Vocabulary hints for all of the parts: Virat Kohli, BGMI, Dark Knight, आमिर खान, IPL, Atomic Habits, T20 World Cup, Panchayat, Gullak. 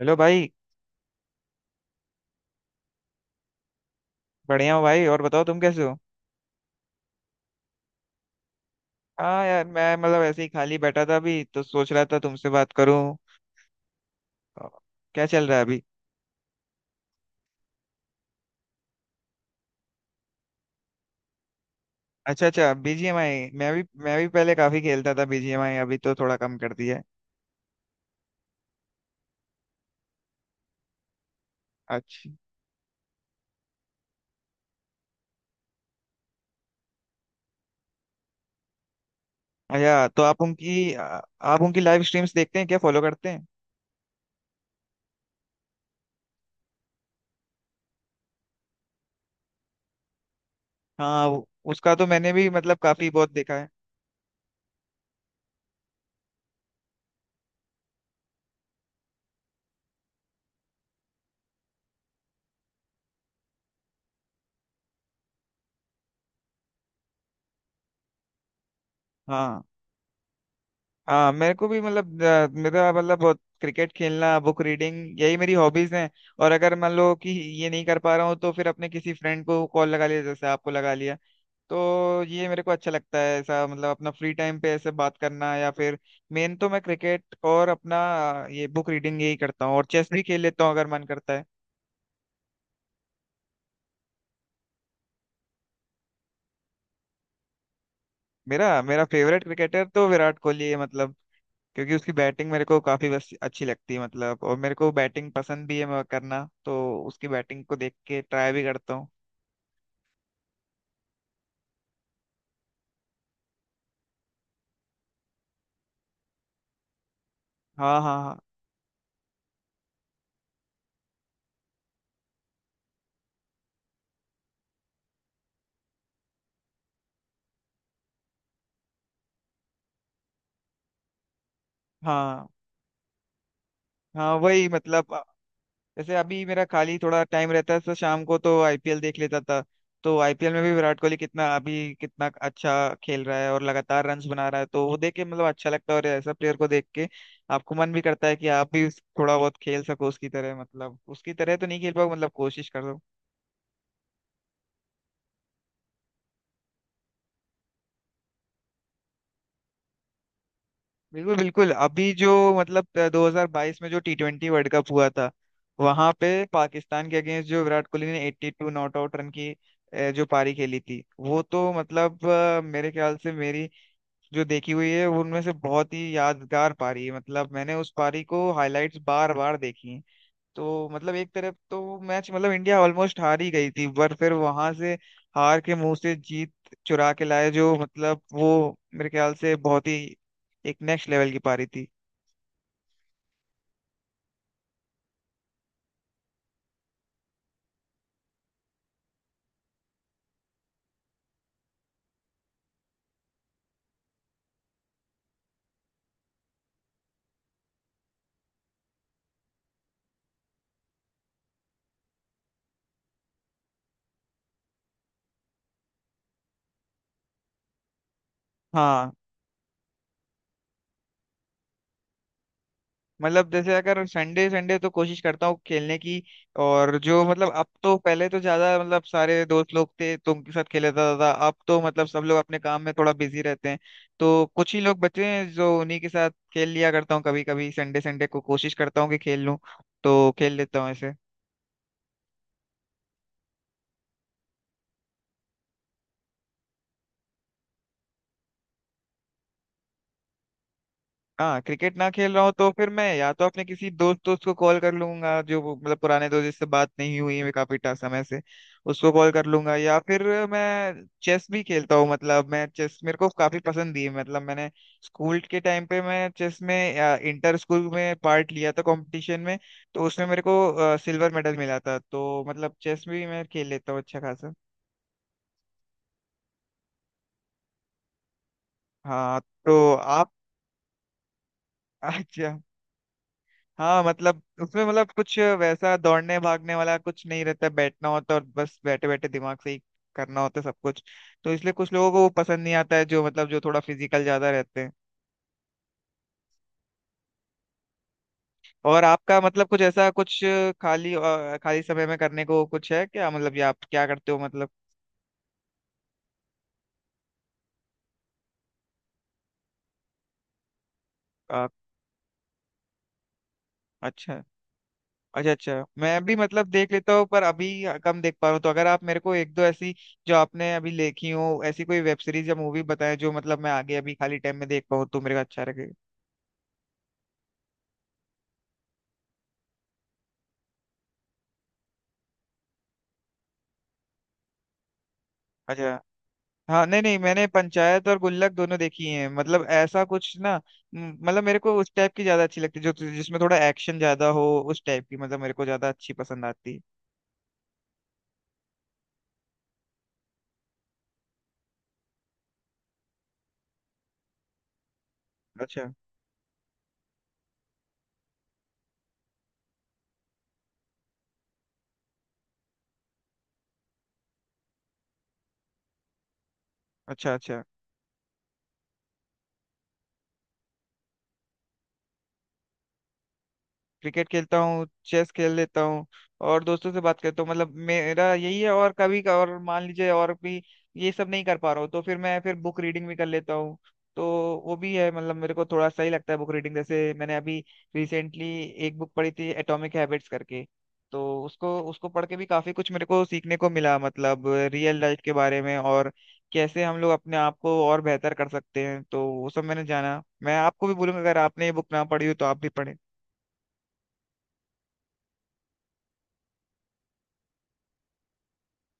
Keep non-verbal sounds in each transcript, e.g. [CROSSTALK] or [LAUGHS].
Hello भाई। बढ़िया हो भाई। और बताओ तुम कैसे हो। हाँ यार मैं मतलब ऐसे ही खाली बैठा था। अभी तो सोच रहा था तुमसे बात करूं। अ, क्या चल रहा है अभी। अच्छा अच्छा। बीजीएमआई मैं भी पहले काफी खेलता था बीजीएमआई। अभी तो थोड़ा कम कर दिया है। अच्छा अच्छा, तो आप उनकी आप उनकी लाइव स्ट्रीम्स देखते हैं क्या, फॉलो करते हैं? हाँ, उसका तो मैंने भी मतलब काफी बहुत देखा है। हाँ हाँ, मेरे को भी मतलब मेरा मतलब बहुत क्रिकेट खेलना, बुक रीडिंग, यही मेरी हॉबीज हैं। और अगर मान लो कि ये नहीं कर पा रहा हूँ तो फिर अपने किसी फ्रेंड को कॉल लगा लिया, जैसे आपको लगा लिया। तो ये मेरे को अच्छा लगता है ऐसा, मतलब अपना फ्री टाइम पे ऐसे बात करना, या फिर मेन तो मैं क्रिकेट और अपना ये बुक रीडिंग यही करता हूँ। और चेस भी खेल लेता हूँ अगर मन करता है। मेरा मेरा फेवरेट क्रिकेटर तो विराट कोहली है, मतलब क्योंकि उसकी बैटिंग मेरे को काफी बस अच्छी लगती है, मतलब और मेरे को बैटिंग पसंद भी है, मैं करना तो उसकी बैटिंग को देख के ट्राई भी करता हूँ। हाँ हाँ हाँ। हाँ, हाँ वही मतलब जैसे अभी मेरा खाली थोड़ा टाइम रहता है तो शाम को तो आईपीएल देख लेता था। तो आईपीएल में भी विराट कोहली कितना अभी कितना अच्छा खेल रहा है और लगातार रन्स बना रहा है, तो वो देख के मतलब अच्छा लगता है। और ऐसा प्लेयर को देख के आपको मन भी करता है कि आप भी थोड़ा बहुत खेल सको उसकी तरह, मतलब उसकी तरह तो नहीं खेल पाओ, मतलब कोशिश कर। बिल्कुल बिल्कुल। अभी जो मतलब 2022 में जो टी ट्वेंटी वर्ल्ड कप हुआ था, वहां पे पाकिस्तान के अगेंस्ट जो विराट कोहली ने 82 नॉट आउट रन की जो पारी खेली थी, वो तो मतलब मेरे ख्याल से मेरी जो देखी हुई है वो उनमें से बहुत ही यादगार पारी है। मतलब मैंने उस पारी को हाईलाइट्स बार बार देखी। तो मतलब एक तरफ तो मैच मतलब इंडिया ऑलमोस्ट हार ही गई थी, पर फिर वहां से हार के मुंह से जीत चुरा के लाए, जो मतलब वो मेरे ख्याल से बहुत ही एक नेक्स्ट लेवल की पारी थी। हाँ मतलब जैसे अगर संडे संडे तो कोशिश करता हूँ खेलने की। और जो मतलब अब तो पहले तो ज्यादा मतलब सारे दोस्त लोग थे तो उनके साथ खेलता था, अब तो मतलब सब लोग अपने काम में थोड़ा बिजी रहते हैं। तो कुछ ही लोग बचे हैं, जो उन्हीं के साथ खेल लिया करता हूँ। कभी कभी संडे संडे को कोशिश करता हूँ कि खेल लूँ, तो खेल लेता हूँ ऐसे। हाँ, क्रिकेट ना खेल रहा हूँ तो फिर मैं या तो अपने किसी दोस्त दोस्त को कॉल कर लूंगा जो मतलब पुराने दोस्त जिससे बात नहीं हुई है काफी समय से, उसको कॉल कर लूंगा। या फिर मैं चेस भी खेलता हूँ। मतलब मैं चेस मेरे को काफी पसंद है, मतलब मैंने स्कूल के टाइम पे मैं चेस में इंटर स्कूल में पार्ट लिया था कंपटीशन में। तो उसमें मेरे को सिल्वर मेडल मिला था। तो मतलब चेस भी मैं खेल लेता हूँ अच्छा खासा। हाँ। तो आप [LAUGHS] अच्छा। हाँ मतलब उसमें मतलब कुछ वैसा दौड़ने भागने वाला कुछ नहीं रहता, बैठना होता, और बस बैठे बैठे दिमाग से ही करना होता सब कुछ। तो इसलिए कुछ लोगों को वो पसंद नहीं आता है, जो मतलब जो थोड़ा फिजिकल ज्यादा रहते हैं। और आपका मतलब कुछ ऐसा कुछ खाली खाली समय में करने को कुछ है क्या, मतलब या आप क्या करते हो मतलब? अ, अच्छा अच्छा। अच्छा मैं भी मतलब देख लेता हूँ, पर अभी कम देख पा रहा हूँ। तो अगर आप मेरे को एक दो ऐसी जो आपने अभी लिखी हो, ऐसी कोई वेब सीरीज या मूवी बताएं, जो मतलब मैं आगे अभी खाली टाइम में देख पाऊँ तो मेरे को अच्छा लगेगा। अच्छा। हाँ नहीं नहीं, मैंने पंचायत और गुल्लक दोनों देखी हैं। मतलब ऐसा कुछ ना मतलब मेरे को उस टाइप की ज्यादा अच्छी लगती है, जो जिसमें थोड़ा एक्शन ज्यादा हो, उस टाइप की मतलब मेरे को ज्यादा अच्छी पसंद आती है। अच्छा अच्छा। अच्छा, क्रिकेट खेलता हूँ, चेस खेल लेता हूँ और दोस्तों से बात करता हूँ, मतलब मेरा यही है। और कभी का और मान लीजिए और भी ये सब नहीं कर पा रहा हूँ, तो फिर मैं फिर बुक रीडिंग भी कर लेता हूँ। तो वो भी है, मतलब मेरे को थोड़ा सही लगता है बुक रीडिंग। जैसे मैंने अभी रिसेंटली एक बुक पढ़ी थी एटॉमिक हैबिट्स करके। तो उसको उसको पढ़ के भी काफी कुछ मेरे को सीखने को मिला, मतलब रियल लाइफ के बारे में, और कैसे हम लोग अपने आप को और बेहतर कर सकते हैं। तो वो सब मैंने जाना। मैं आपको भी बोलूंगा, अगर आपने ये बुक ना पढ़ी हो तो आप भी पढ़ें।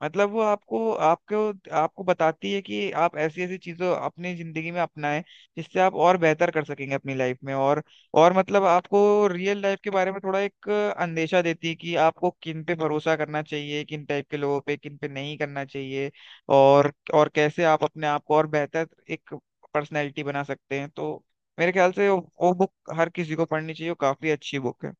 मतलब वो आपको आपको आपको बताती है कि आप ऐसी ऐसी चीजों अपनी जिंदगी में अपनाएं, जिससे आप और बेहतर कर सकेंगे अपनी लाइफ में। और मतलब आपको रियल लाइफ के बारे में थोड़ा एक अंदेशा देती है कि आपको किन पे भरोसा करना चाहिए, किन टाइप के लोगों पे, किन पे नहीं करना चाहिए। और कैसे आप अपने आप को और बेहतर एक पर्सनैलिटी बना सकते हैं। तो मेरे ख्याल से वो बुक हर किसी को पढ़नी चाहिए, वो काफी अच्छी बुक है।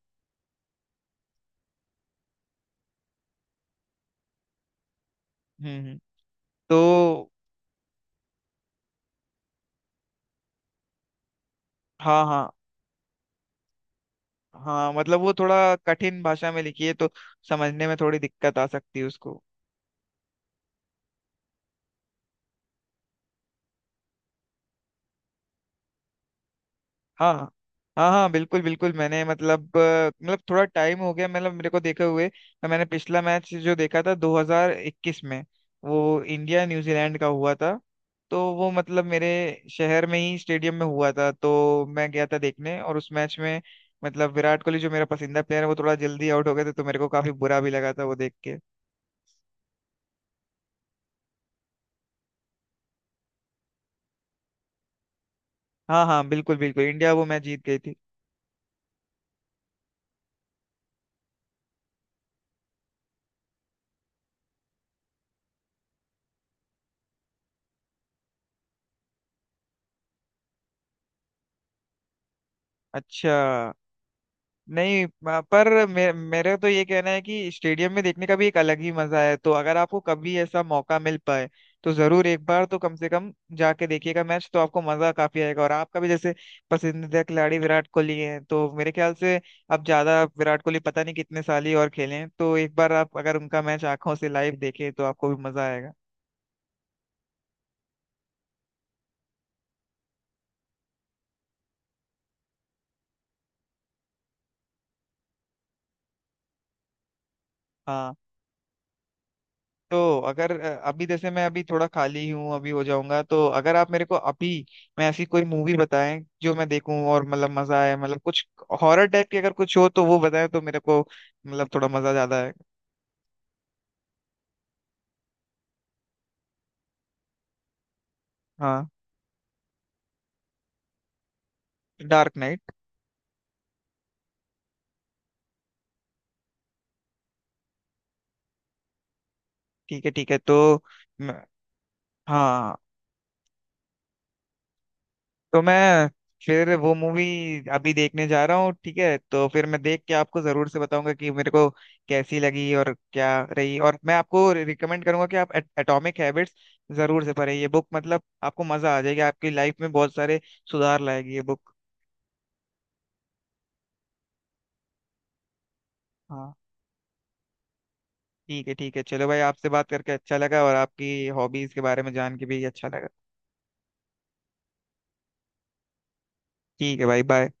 हम्म हम्म। तो हाँ हाँ हाँ, मतलब वो थोड़ा कठिन भाषा में लिखी है, तो समझने में थोड़ी दिक्कत आ सकती है उसको। हाँ हाँ, हाँ बिल्कुल बिल्कुल। मैंने मतलब मतलब थोड़ा टाइम हो गया मतलब मेरे को देखे हुए। तो मैंने पिछला मैच जो देखा था 2021 में, वो इंडिया न्यूजीलैंड का हुआ था। तो वो मतलब मेरे शहर में ही स्टेडियम में हुआ था, तो मैं गया था देखने। और उस मैच में मतलब विराट कोहली जो मेरा पसंदीदा प्लेयर है वो थोड़ा जल्दी आउट हो गए थे, तो मेरे को काफी बुरा भी लगा था वो देख के। हाँ हाँ, बिल्कुल बिल्कुल, इंडिया वो मैच जीत गई थी। अच्छा। नहीं पर मेरे तो ये कहना है कि स्टेडियम में देखने का भी एक अलग ही मजा है। तो अगर आपको कभी ऐसा मौका मिल पाए तो जरूर एक बार तो कम से कम जाके देखिएगा मैच, तो आपको मजा काफी आएगा। और आपका भी जैसे पसंदीदा खिलाड़ी विराट कोहली है, तो मेरे ख्याल से अब ज्यादा विराट कोहली पता नहीं कितने साल ही और खेले हैं। तो एक बार आप अगर उनका मैच आंखों से लाइव देखें तो आपको भी मजा आएगा। हाँ, तो अगर अभी जैसे मैं अभी थोड़ा खाली हूँ, अभी हो जाऊंगा, तो अगर आप मेरे को अभी मैं ऐसी कोई मूवी बताएं, जो मैं देखूं और मतलब मजा आए, मतलब कुछ हॉरर टाइप की अगर कुछ हो तो वो बताएं, तो मेरे को मतलब थोड़ा मजा ज्यादा है। हाँ, डार्क नाइट? ठीक है ठीक है। मैं- हाँ तो मैं फिर वो मूवी अभी देखने जा रहा हूँ। ठीक है, तो फिर मैं देख के आपको जरूर से बताऊंगा कि मेरे को कैसी लगी और क्या रही। और मैं आपको रिकमेंड करूंगा कि आप एटॉमिक हैबिट्स जरूर से पढ़ें ये बुक। मतलब आपको मजा आ जाएगा, आपकी लाइफ में बहुत सारे सुधार लाएगी ये बुक। हाँ ठीक है ठीक है, चलो भाई, आपसे बात करके अच्छा लगा, और आपकी हॉबीज के बारे में जान के भी अच्छा लगा। ठीक है भाई, बाय।